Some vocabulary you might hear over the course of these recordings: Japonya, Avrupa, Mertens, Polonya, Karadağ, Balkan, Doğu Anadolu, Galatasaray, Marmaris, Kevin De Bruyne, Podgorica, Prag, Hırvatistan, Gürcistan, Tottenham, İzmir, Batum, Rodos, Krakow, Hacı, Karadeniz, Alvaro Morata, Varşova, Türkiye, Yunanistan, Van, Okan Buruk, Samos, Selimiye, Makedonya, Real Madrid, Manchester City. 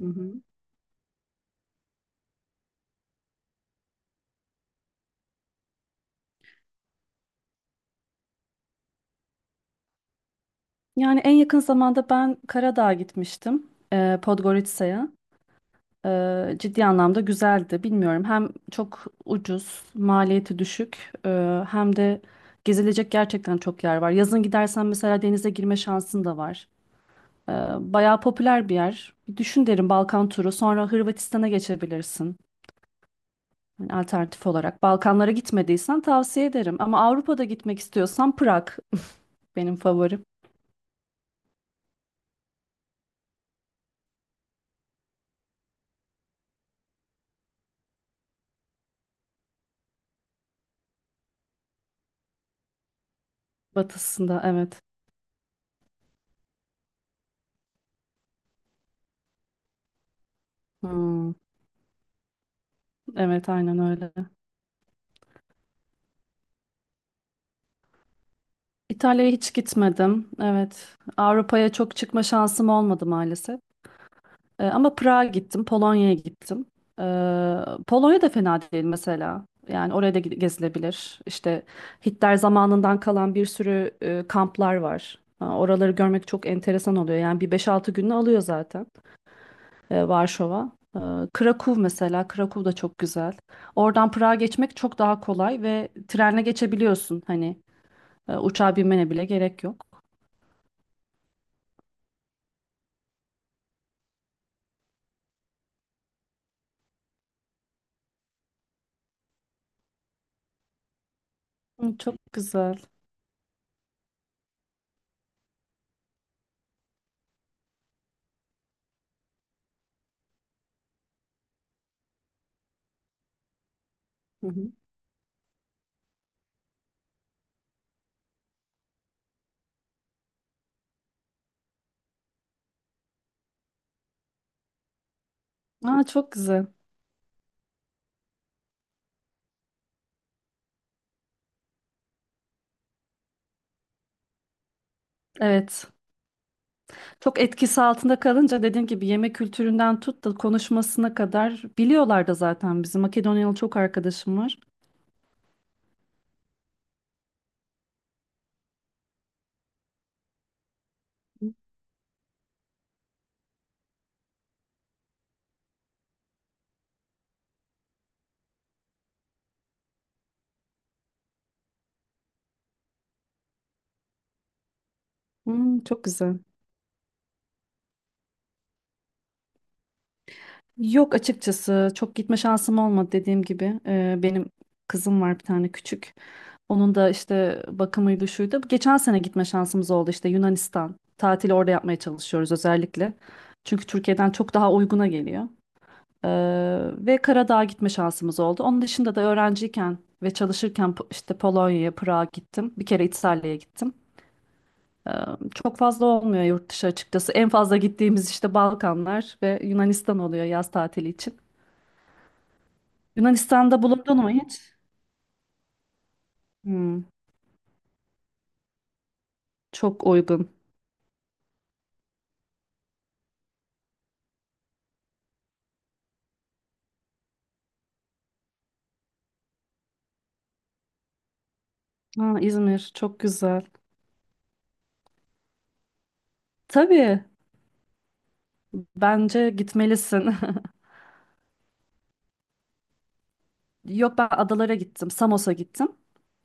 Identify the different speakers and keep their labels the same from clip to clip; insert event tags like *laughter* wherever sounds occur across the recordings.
Speaker 1: Hı hı. Yani en yakın zamanda ben Karadağ'a gitmiştim. Podgorica'ya. Ciddi anlamda güzeldi. Bilmiyorum, hem çok ucuz, maliyeti düşük, hem de gezilecek gerçekten çok yer var. Yazın gidersen mesela denize girme şansın da var. E, Bayağı popüler bir yer. Bir düşün derim, Balkan turu sonra Hırvatistan'a geçebilirsin. Yani alternatif olarak Balkanlara gitmediysen tavsiye ederim. Ama Avrupa'da gitmek istiyorsan Prag *laughs* benim favorim. Batısında, evet. Hmm, evet, aynen öyle. İtalya'ya hiç gitmedim. Evet. Avrupa'ya çok çıkma şansım olmadı maalesef. Ama Prag'a gittim, Polonya'ya gittim. Ee, Polonya da fena değil mesela. Yani oraya da gezilebilir. İşte Hitler zamanından kalan bir sürü kamplar var. Ha, oraları görmek çok enteresan oluyor. Yani bir 5 6 gününü alıyor zaten. Varşova. Krakow mesela, Krakow da çok güzel. Oradan Prag'a geçmek çok daha kolay ve trenle geçebiliyorsun. Hani uçağa binmene bile gerek yok. Hı, çok güzel. Hı hı. Aa, çok güzel. Evet. Çok etkisi altında kalınca dediğim gibi yemek kültüründen tut da konuşmasına kadar biliyorlar da zaten bizim. Makedonyalı çok arkadaşım var. Hı, çok güzel. Yok, açıkçası çok gitme şansım olmadı dediğim gibi. Benim kızım var bir tane küçük. Onun da işte bakımıydı şuydu. Geçen sene gitme şansımız oldu işte Yunanistan. Tatili orada yapmaya çalışıyoruz özellikle. Çünkü Türkiye'den çok daha uyguna geliyor. Ee, ve Karadağ'a gitme şansımız oldu. Onun dışında da öğrenciyken ve çalışırken işte Polonya'ya, Prag'a gittim. Bir kere İtalya'ya gittim. Ee, Çok fazla olmuyor yurt dışı açıkçası. En fazla gittiğimiz işte Balkanlar ve Yunanistan oluyor yaz tatili için. Yunanistan'da bulundun mu hiç? Hmm, çok uygun. Ha, İzmir çok güzel. Tabii, bence gitmelisin. *laughs* Yok, ben adalara gittim. Samos'a gittim.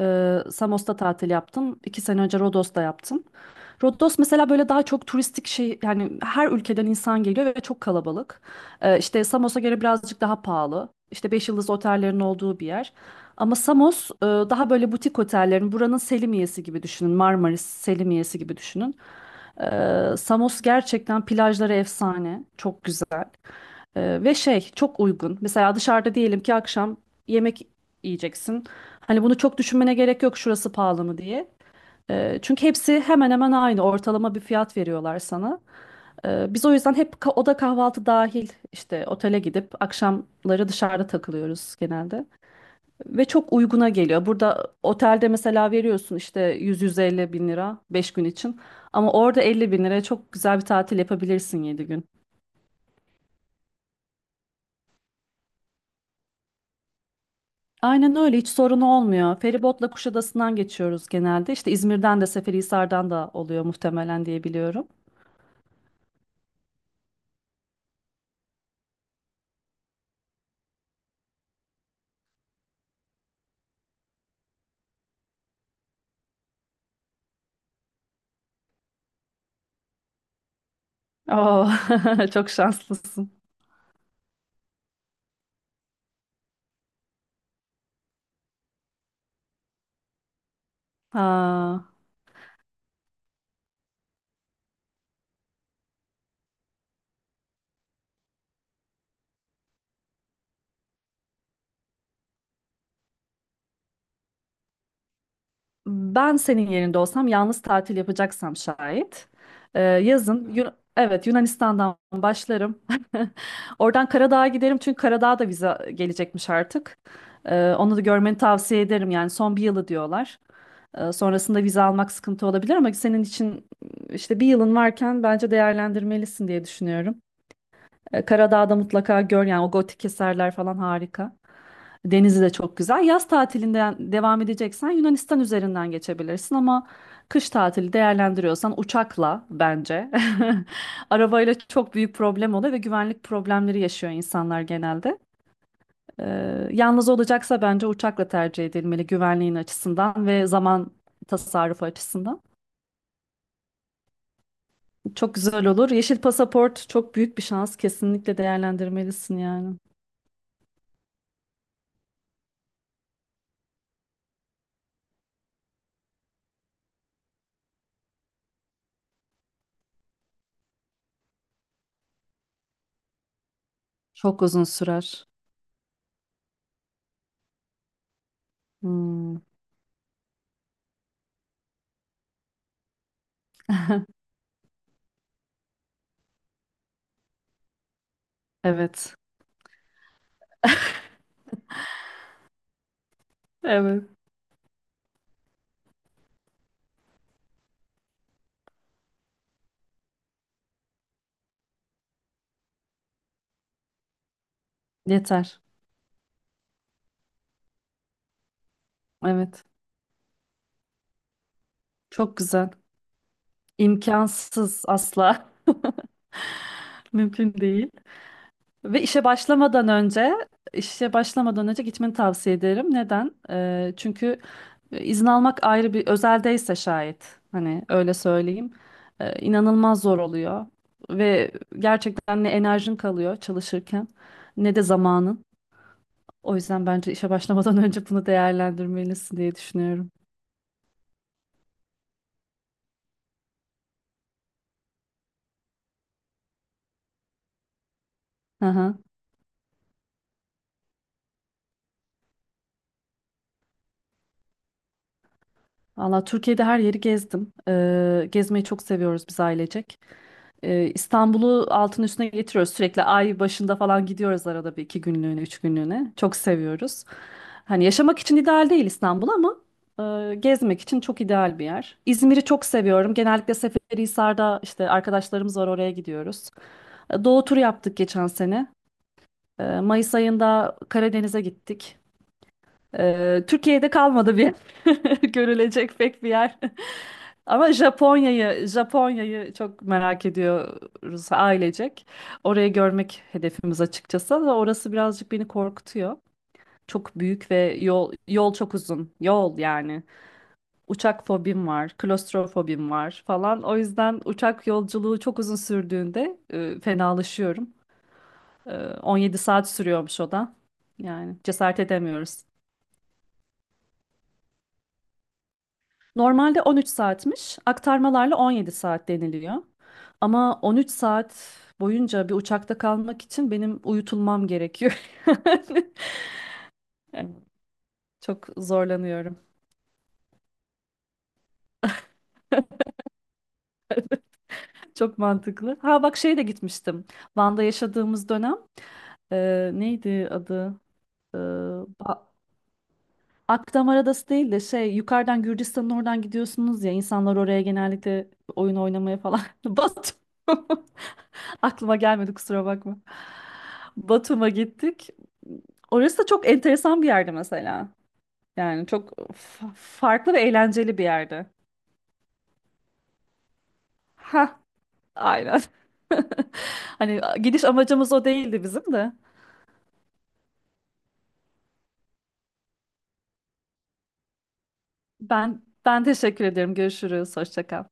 Speaker 1: Samos'ta tatil yaptım. İki sene önce Rodos'ta yaptım. Rodos mesela böyle daha çok turistik şey, yani her ülkeden insan geliyor ve çok kalabalık. İşte Samos'a göre birazcık daha pahalı. İşte 5 yıldız otellerin olduğu bir yer. Ama Samos daha böyle butik otellerin, buranın Selimiye'si gibi düşünün. Marmaris Selimiye'si gibi düşünün. Samos gerçekten plajları efsane. Çok güzel. Ve şey, çok uygun. Mesela dışarıda diyelim ki akşam yemek yiyeceksin. Hani bunu çok düşünmene gerek yok, şurası pahalı mı diye. Çünkü hepsi hemen hemen aynı, ortalama bir fiyat veriyorlar sana. Biz o yüzden hep oda kahvaltı dahil işte otele gidip akşamları dışarıda takılıyoruz genelde. Ve çok uyguna geliyor. Burada otelde mesela veriyorsun işte 100-150 bin lira 5 gün için. Ama orada 50 bin liraya çok güzel bir tatil yapabilirsin 7 gün. Aynen öyle, hiç sorun olmuyor. Feribotla Kuşadası'ndan geçiyoruz genelde. İşte İzmir'den de Seferihisar'dan da oluyor muhtemelen diye biliyorum. Oo, *laughs* çok şanslısın. Ha. Ben senin yerinde olsam, yalnız tatil yapacaksam şayet, evet, Yunanistan'dan başlarım. *laughs* Oradan Karadağ'a giderim çünkü Karadağ'a da vize gelecekmiş artık. Onu da görmeni tavsiye ederim, yani son bir yılı diyorlar. Sonrasında vize almak sıkıntı olabilir ama senin için işte bir yılın varken bence değerlendirmelisin diye düşünüyorum. Karadağ'da mutlaka gör, yani o gotik eserler falan harika. Denizi de çok güzel. Yaz tatilinden devam edeceksen Yunanistan üzerinden geçebilirsin ama kış tatili değerlendiriyorsan uçakla bence. *laughs* Arabayla çok büyük problem oluyor ve güvenlik problemleri yaşıyor insanlar genelde. Yalnız olacaksa bence uçakla tercih edilmeli, güvenliğin açısından ve zaman tasarrufu açısından. Çok güzel olur. Yeşil pasaport çok büyük bir şans. Kesinlikle değerlendirmelisin yani. Çok uzun sürer. Hmm, evet. Evet. Yeter. Evet. Çok güzel. İmkansız, asla. *laughs* Mümkün değil. Ve işe başlamadan önce işe başlamadan önce gitmeni tavsiye ederim. Neden? Çünkü izin almak, ayrı bir özeldeyse şayet hani, öyle söyleyeyim. İnanılmaz zor oluyor ve gerçekten ne enerjin kalıyor çalışırken ne de zamanın. O yüzden bence işe başlamadan *laughs* önce bunu değerlendirmelisin diye düşünüyorum. Hı. Valla Türkiye'de her yeri gezdim. Gezmeyi çok seviyoruz biz ailecek. İstanbul'u altın üstüne getiriyoruz. Sürekli ay başında falan gidiyoruz, arada bir iki günlüğüne, üç günlüğüne. Çok seviyoruz. Hani yaşamak için ideal değil İstanbul ama gezmek için çok ideal bir yer. İzmir'i çok seviyorum. Genellikle Seferihisar'da işte arkadaşlarımız var, oraya gidiyoruz. Doğu turu yaptık geçen sene. Mayıs ayında Karadeniz'e gittik. Türkiye'de kalmadı bir *laughs* görülecek pek bir yer. *laughs* Ama Japonya'yı çok merak ediyoruz ailecek. Orayı görmek hedefimiz açıkçası ama orası birazcık beni korkutuyor. Çok büyük ve yol çok uzun. Yol yani. Uçak fobim var, klostrofobim var falan. O yüzden uçak yolculuğu çok uzun sürdüğünde fenalaşıyorum. E, 17 saat sürüyormuş o da. Yani cesaret edemiyoruz. Normalde 13 saatmiş, aktarmalarla 17 saat deniliyor. Ama 13 saat boyunca bir uçakta kalmak için benim uyutulmam gerekiyor. *laughs* Yani Çok zorlanıyorum. Çok mantıklı. Ha bak, şeye de gitmiştim. Van'da yaşadığımız dönem, neydi adı? E, Ba- Akdamar Adası değil de, şey, yukarıdan Gürcistan'ın oradan gidiyorsunuz ya, insanlar oraya genellikle oyun oynamaya falan. *laughs* Batum. *laughs* Aklıma gelmedi, kusura bakma. Batum'a gittik. Orası da çok enteresan bir yerdi mesela. Yani çok farklı ve eğlenceli bir yerdi. Ha, aynen. *laughs* Hani gidiş amacımız o değildi bizim de. Ben teşekkür ederim. Görüşürüz. Hoşça kal.